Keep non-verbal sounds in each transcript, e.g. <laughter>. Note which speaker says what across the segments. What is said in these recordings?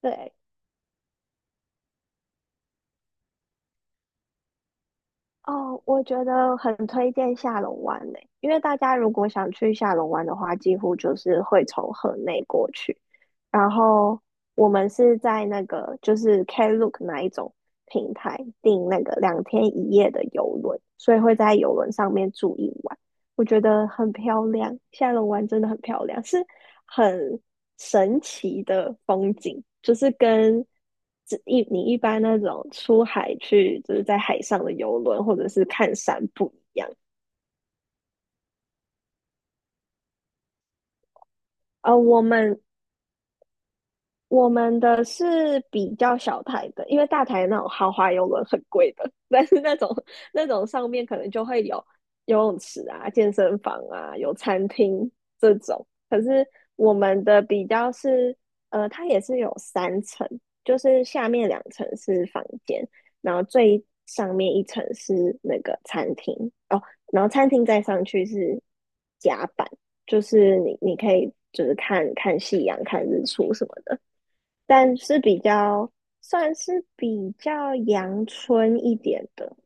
Speaker 1: 对。哦，我觉得很推荐下龙湾呢，因为大家如果想去下龙湾的话，几乎就是会从河内过去。然后我们是在那个就是 Klook 那一种平台订那个两天一夜的游轮，所以会在游轮上面住一晚。我觉得很漂亮，下龙湾真的很漂亮，是很神奇的风景，就是跟你一般那种出海去，就是在海上的游轮或者是看山不一样。呃，我们我们的是比较小台的，因为大台那种豪华游轮很贵的，但是那种上面可能就会有游泳池啊、健身房啊、有餐厅这种。可是我们的比较是，它也是有三层，就是下面两层是房间，然后最上面一层是那个餐厅。哦，然后餐厅再上去是甲板，就是你可以就是看看夕阳、看日出什么的。但是比较算是比较阳春一点的，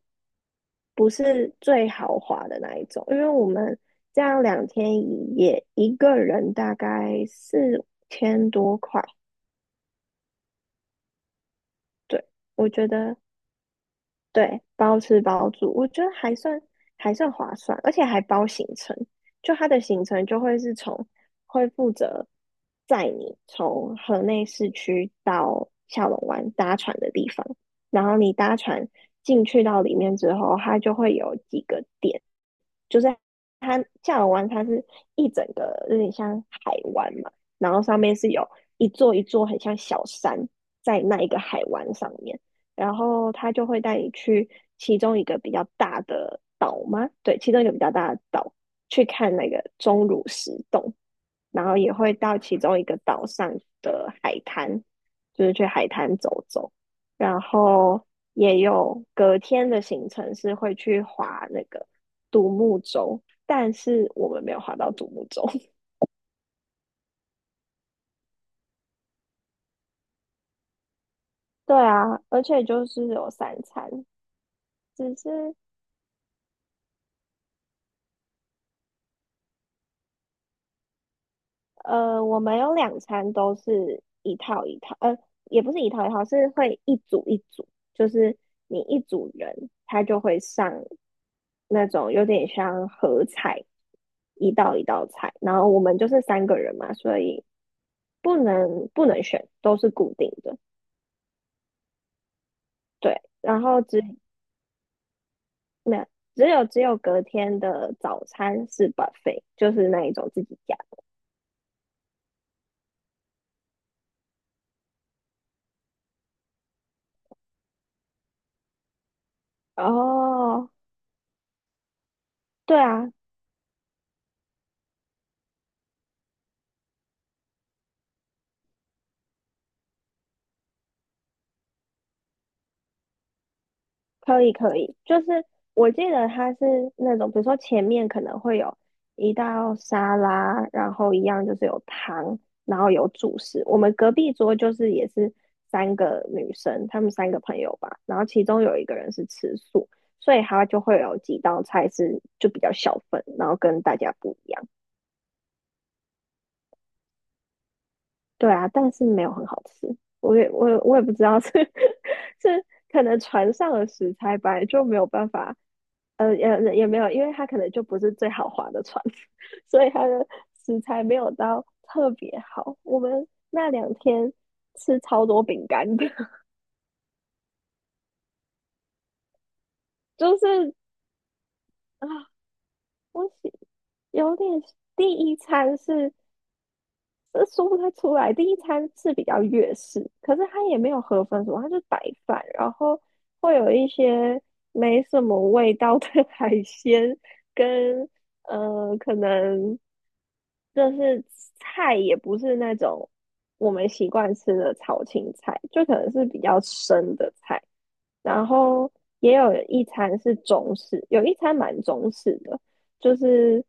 Speaker 1: 不是最豪华的那一种。因为我们这样两天一夜，一个人大概4000多块。对，我觉得对，包吃包住，我觉得还算划算，而且还包行程。就它的行程就会是从负责载你从河内市区到下龙湾搭船的地方，然后你搭船进去到里面之后，它就会有几个点。就夏尔湾它是一整个有点像海湾嘛，然后上面是有一座一座很像小山在那一个海湾上面，然后他就会带你去其中一个比较大的岛吗？对，其中一个比较大的岛去看那个钟乳石洞，然后也会到其中一个岛上的海滩，就是去海滩走走，然后也有隔天的行程是会去划那个独木舟，但是我们没有划到独木舟。<laughs> 对啊，而且就是有三餐。只是我们有两餐都是一套一套，也不是一套一套，是会一组一组，就是你一组人，他就会上那种有点像合菜。一道一道菜，然后我们就是三个人嘛，所以不能选，都是固定的。对，然后那只有隔天的早餐是 buffet，就是那一种自己加。哦，对啊，可以可以，就是我记得它是那种，比如说前面可能会有一道沙拉，然后一样就是有汤，然后有主食。我们隔壁桌就是也是三个女生，她们三个朋友吧，然后其中有一个人是吃素，所以她就会有几道菜是就比较小份，然后跟大家不一样。对啊，但是没有很好吃。我也不知道是 <laughs> 是可能船上的食材本来就没有办法。呃，也也没有，因为它可能就不是最豪华的船，<laughs> 所以它的食材没有到特别好。我们那两天吃超多饼干的。<laughs> 就是啊，我喜有点第一餐是说不太出来。第一餐是比较粤式，可是它也没有河粉什么，它就白饭，然后会有一些没什么味道的 <laughs> 海鲜跟可能就是菜也不是那种我们习惯吃的炒青菜，就可能是比较生的菜。然后也有一餐是中式，有一餐蛮中式的，就是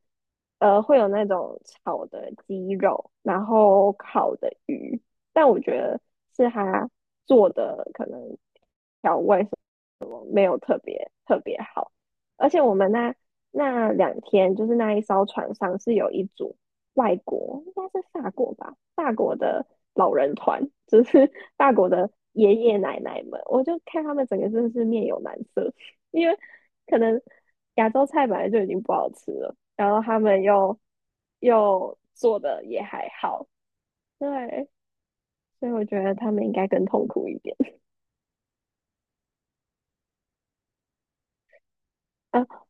Speaker 1: 会有那种炒的鸡肉，然后烤的鱼。但我觉得是他做的可能。调味。没有特别特别好。而且我们那两天，就是那一艘船上是有一组外国，应该是法国吧，法国的老人团，就是 <laughs> 法国的爷爷奶奶们，我就看他们整个真的是面有难色，因为可能亚洲菜本来就已经不好吃了，然后他们又做的也还好。对，所以我觉得他们应该更痛苦一点。啊，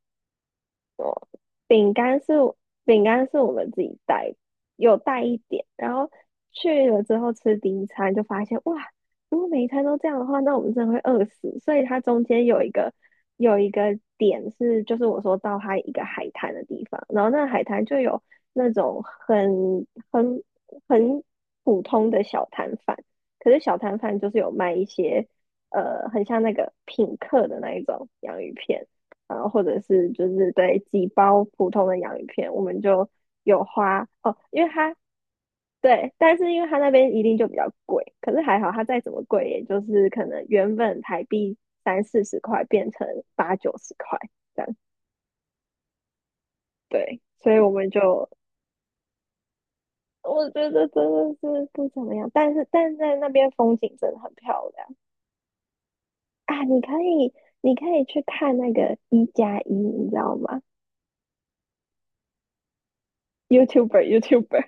Speaker 1: 饼干是饼干是我们自己带，有带一点，然后去了之后吃第一餐就发现哇，如果每一餐都这样的话，那我们真的会饿死。所以它中间有一个点是，就是我说到它一个海滩的地方，然后那海滩就有那种很很普通的小摊贩，可是小摊贩就是有卖一些很像那个品客的那一种洋芋片。然后或者是就是，对，几包普通的洋芋片，我们就有花。哦，因为它对，但是因为它那边一定就比较贵，可是还好它再怎么贵，也就是可能原本台币三四十块变成八九十块这样。对，所以我们就我觉得真的是不怎么样，但是在那边风景真的很漂亮。啊，你可以去看那个一加一，你知道吗？YouTuber，YouTuber，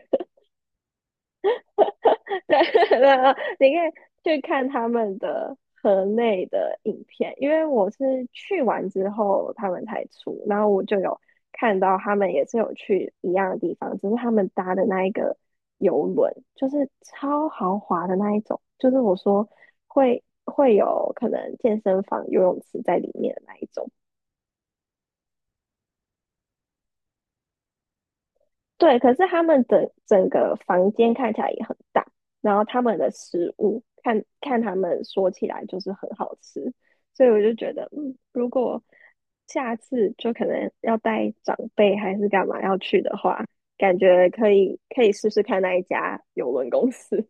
Speaker 1: 对。<laughs> 然后你可以去看他们的河内的影片，因为我是去完之后他们才出，然后我就有看到他们也是有去一样的地方，只是他们搭的那一个游轮就是超豪华的那一种，就是我说会有可能健身房、游泳池在里面的那一种。对，可是他们整个房间看起来也很大，然后他们的食物看看他们说起来就是很好吃。所以我就觉得，嗯，如果下次就可能要带长辈还是干嘛要去的话，感觉可以试试看那一家邮轮公司。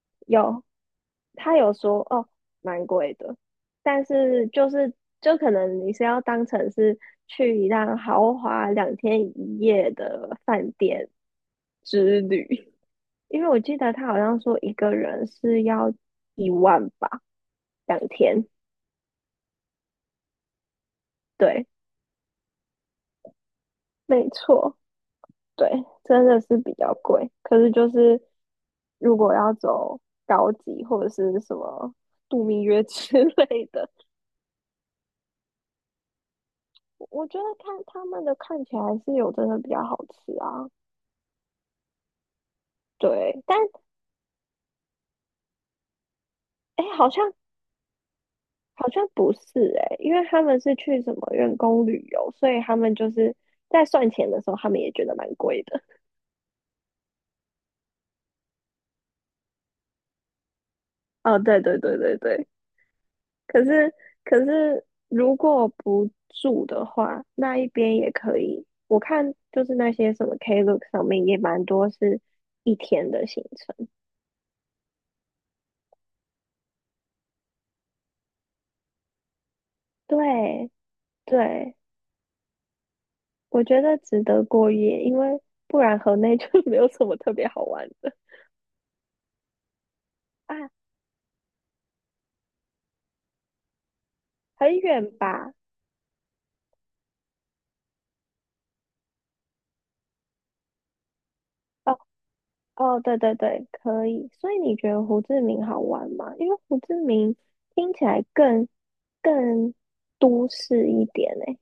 Speaker 1: <laughs> 有，他有说哦，蛮贵的，但是就是就可能你是要当成是去一趟豪华两天一夜的饭店之旅。因为我记得他好像说一个人是要1万吧，两天。对，没错。对，真的是比较贵。可是就是如果要走高级或者是什么度蜜月 <laughs> 之类的。我觉得看他们的看起来是有真的比较好吃啊。对，但哎，诶好像不是哎，因为他们是去什么员工旅游，所以他们就是在算钱的时候，他们也觉得蛮贵的。<laughs> 哦，对对对对对，可是可是如果不住的话，那一边也可以。我看就是那些什么 Klook 上面也蛮多是一天的行程。对对，我觉得值得过夜，因为不然河内就 <laughs> 没有什么特别好玩的。啊，很远吧？哦哦，对对对，可以。所以你觉得胡志明好玩吗？因为胡志明听起来更都市一点欸。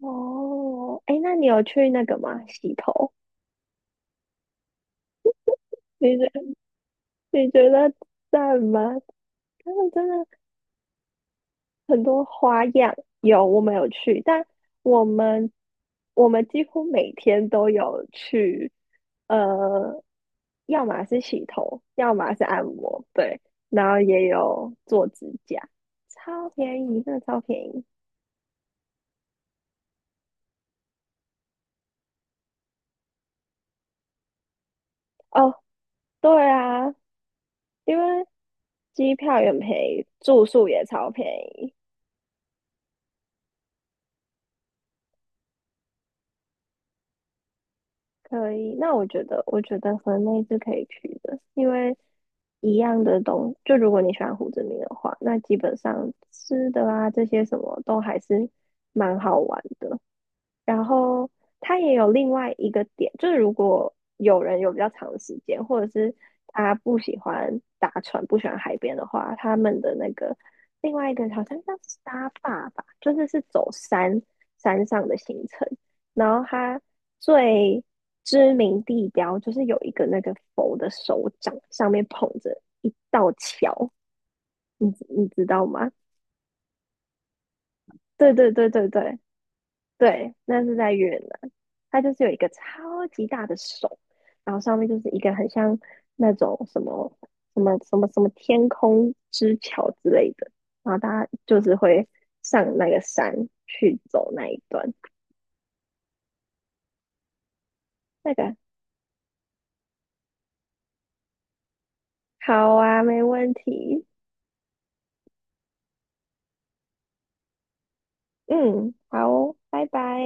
Speaker 1: 哦，哎，那你有去那个吗？洗头？你觉你觉得赞吗？他们真的很多花样。有，我们有去，但我们我们几乎每天都有去，呃，要么是洗头，要么是按摩。对，然后也有做指甲，超便宜，真的超便宜。哦，对啊，因为机票也很便宜，住宿也超便宜。可以，那我觉得河内是可以去的，因为一样的东，就如果你喜欢胡志明的话，那基本上吃的啊这些什么都还是蛮好玩的。然后它也有另外一个点，就是如果有人有比较长的时间，或者是他不喜欢搭船、不喜欢海边的话，他们的那个另外一个好像叫沙坝吧，就是走山上的行程。然后它最知名地标就是有一个那个佛的手掌上面捧着一道桥，你你知道吗？对对对对对，对，那是在越南，它就是有一个超级大的手，然后上面就是一个很像那种什么天空之桥之类的，然后大家就是会上那个山去走那一段。那个好啊，没问题。嗯，好哦，拜拜。